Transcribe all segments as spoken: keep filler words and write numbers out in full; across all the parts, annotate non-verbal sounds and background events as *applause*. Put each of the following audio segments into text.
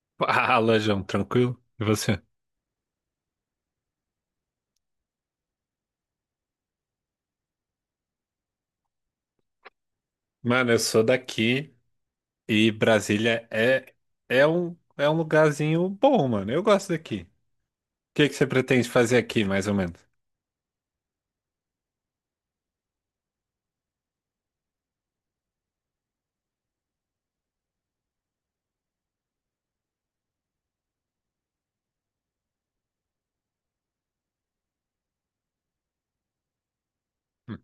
*laughs* Fala, João, tranquilo? E você? Mano, eu sou daqui e Brasília é, é um, é um lugarzinho bom, mano. Eu gosto daqui. O que que você pretende fazer aqui, mais ou menos? Hum,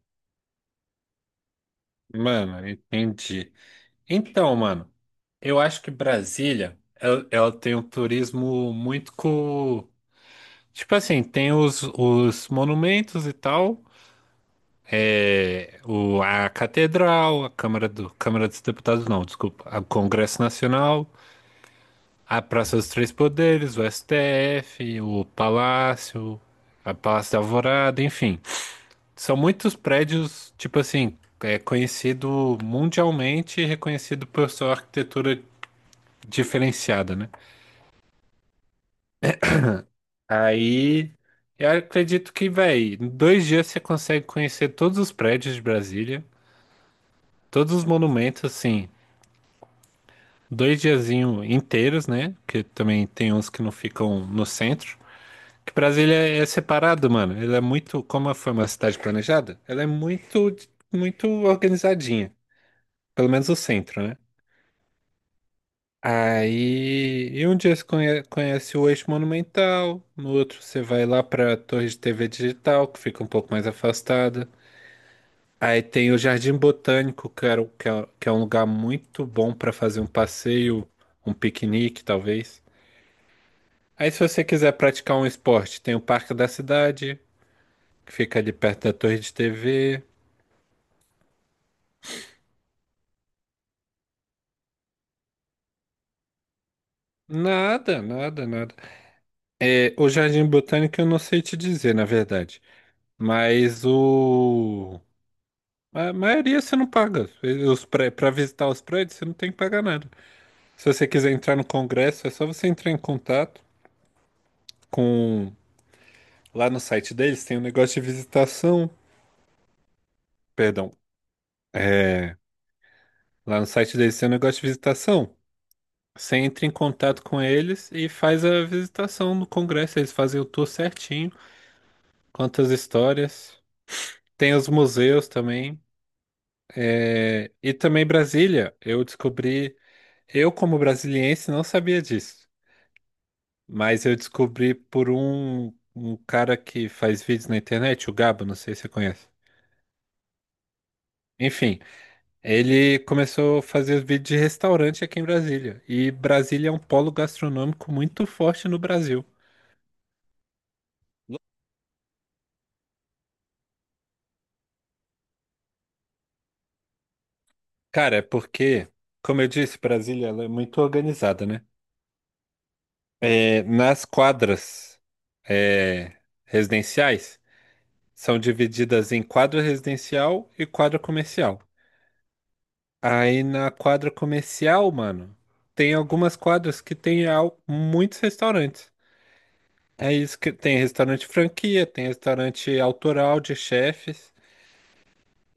Mano, entendi. Então, mano, eu acho que Brasília, ela, ela tem um turismo muito co... Tipo assim, tem os, os monumentos e tal, é, o, a Catedral, a Câmara do, Câmara dos Deputados, não, desculpa, o Congresso Nacional. A Praça dos Três Poderes, o S T F, o Palácio, a Palácio da Alvorada, enfim. São muitos prédios, tipo assim, é conhecido mundialmente e reconhecido por sua arquitetura diferenciada, né? Aí eu acredito que, véi, em dois dias você consegue conhecer todos os prédios de Brasília, todos os monumentos, assim, dois diazinhos inteiros, né? Porque também tem uns que não ficam no centro. Que Brasília é é separado, mano. Ela é muito, como foi uma cidade planejada, ela é muito, muito organizadinha. Pelo menos o centro, né? Aí, e um dia você conhe- conhece o Eixo Monumental, no outro você vai lá pra Torre de T V Digital, que fica um pouco mais afastada. Aí tem o Jardim Botânico, que, era, o- que, é, que é um lugar muito bom pra fazer um passeio, um piquenique, talvez. Aí, se você quiser praticar um esporte, tem o Parque da Cidade, que fica ali perto da Torre de T V. Nada, nada, nada. É, o Jardim Botânico eu não sei te dizer, na verdade. Mas o. A maioria você não paga. Os pré... Para visitar os prédios, você não tem que pagar nada. Se você quiser entrar no Congresso, é só você entrar em contato com. Lá no site deles tem um negócio de visitação. Perdão. É... Lá no site deles tem um negócio de visitação. Você entra em contato com eles e faz a visitação no Congresso. Eles fazem o tour certinho. Quantas histórias. Tem os museus também. é, E também Brasília. Eu descobri, eu como brasiliense não sabia disso, mas eu descobri por um, um cara que faz vídeos na internet, o Gabo, não sei se você conhece. Enfim, ele começou a fazer os vídeos de restaurante aqui em Brasília. E Brasília é um polo gastronômico muito forte no Brasil. Cara, é porque, como eu disse, Brasília ela é muito organizada, né? É, nas quadras é, residenciais. São divididas em quadra residencial e quadra comercial. Aí na quadra comercial, mano, tem algumas quadras que tem al- muitos restaurantes. É isso que tem restaurante franquia, tem restaurante autoral de chefes.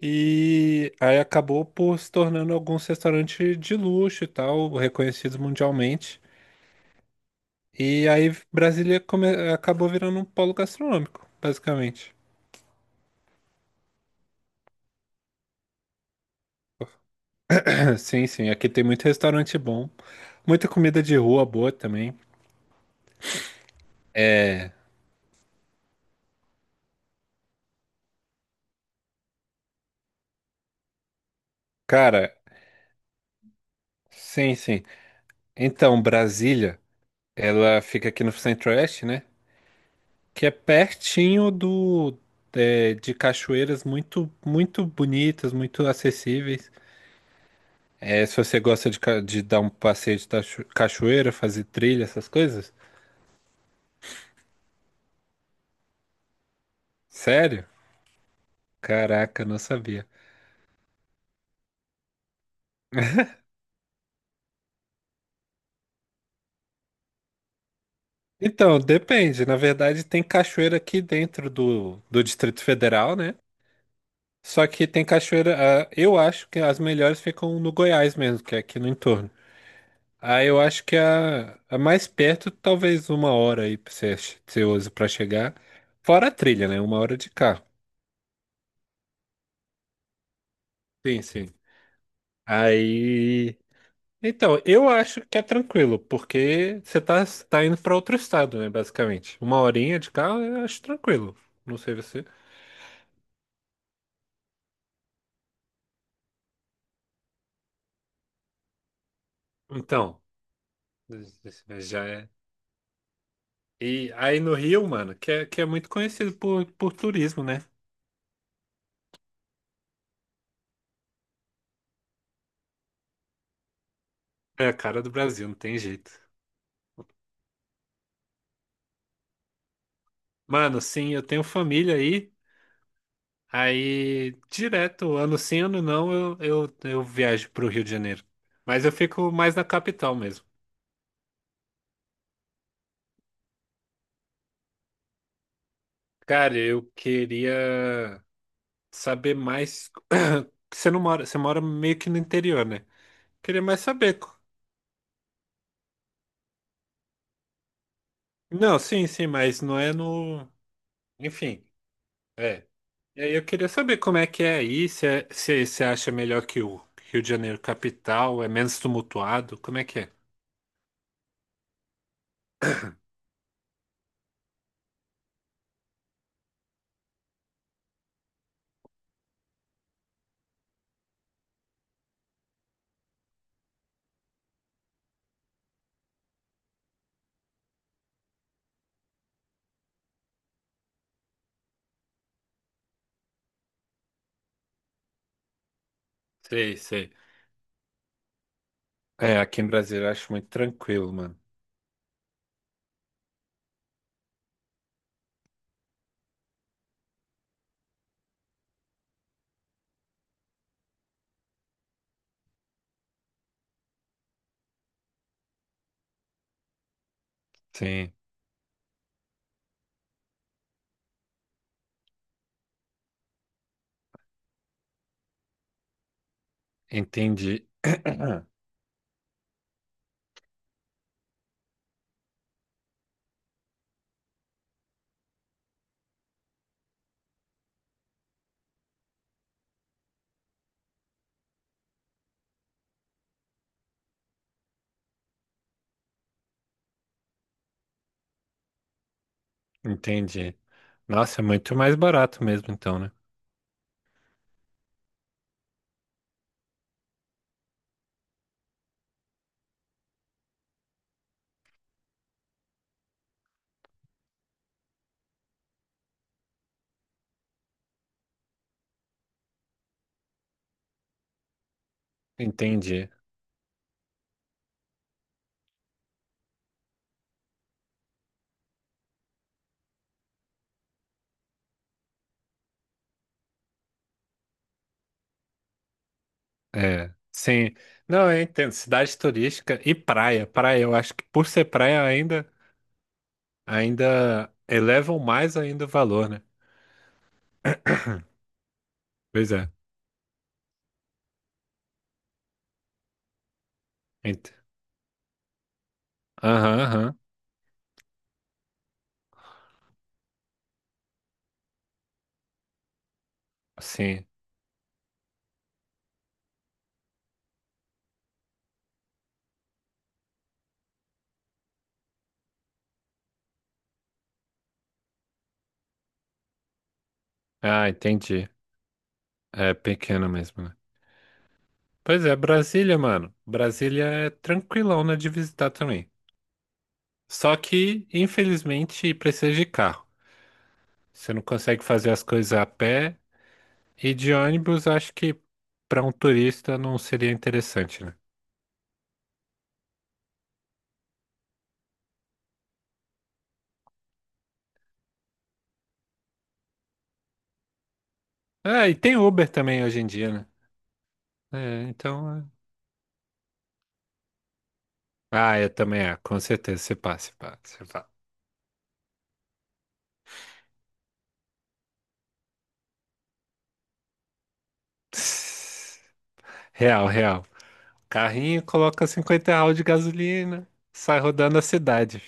E aí acabou por se tornando alguns restaurantes de luxo e tal, reconhecidos mundialmente. E aí Brasília come- acabou virando um polo gastronômico, basicamente. *clears throat* Sim, sim, aqui tem muito restaurante bom, muita comida de rua boa também. Cara, sim, sim. Então, Brasília, ela fica aqui no Centro-Oeste, né? Que é pertinho do é, de cachoeiras muito, muito bonitas, muito acessíveis. É, se você gosta de, ca- de dar um passeio de tacho- cachoeira, fazer trilha, essas coisas. Sério? Caraca, não sabia. Então, depende. Na verdade, tem cachoeira aqui dentro do, do Distrito Federal, né? Só que tem cachoeira, ah, eu acho que as melhores ficam no Goiás mesmo, que é aqui no entorno. Ah, eu acho que a, a mais perto, talvez uma hora aí pra você, você, usa pra chegar. Fora a trilha, né? Uma hora de carro. Sim, sim. Aí. Então, eu acho que é tranquilo, porque você tá, tá indo pra outro estado, né? Basicamente. Uma horinha de carro, eu acho tranquilo. Não sei você. Então, já é. E aí no Rio, mano, que é, que é muito conhecido por, por turismo, né? É a cara do Brasil, não tem jeito. Mano, sim, eu tenho família aí. Aí, direto, ano sim, ano não, eu, eu, eu viajo pro Rio de Janeiro. Mas eu fico mais na capital mesmo. Cara, eu queria saber mais. *clears throat* Você não mora, você mora meio que no interior, né? Queria mais saber. co- Não, sim, sim, mas não é no. Enfim, é. E aí eu queria saber como é que é aí, se é- se você acha melhor que o Rio de Janeiro capital, é menos tumultuado, como é que é? Sei, sei. É, aqui em Brasília eu acho muito tranquilo, mano. Sim. Entendi. *clears throat* Entendi. Nossa, é muito mais barato mesmo, então, né? Entendi. É. Sim. Não, eu entendo. Cidade turística e praia. Praia, eu acho que por ser praia ainda, ainda elevam mais ainda o valor, né? Pois é. Ent- Aham, aham. Sim. Ah, entendi. É pequeno mesmo, né? Pois é, Brasília, mano. Brasília é tranquilão, né, de visitar também. Só que, infelizmente, precisa de carro. Você não consegue fazer as coisas a pé. E de ônibus, acho que para um turista não seria interessante, né? Ah, e tem Uber também hoje em dia, né? É, então. é. Ah, eu também, é, com certeza. Você passa, você passa, você passa. *laughs* *sighs* Real, real. Carrinho, coloca cinquenta real de gasolina, sai rodando a cidade.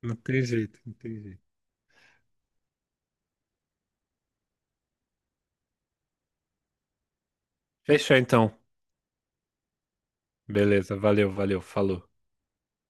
Não tem jeito, não tem jeito. Fechou então. Beleza, valeu, valeu, falou.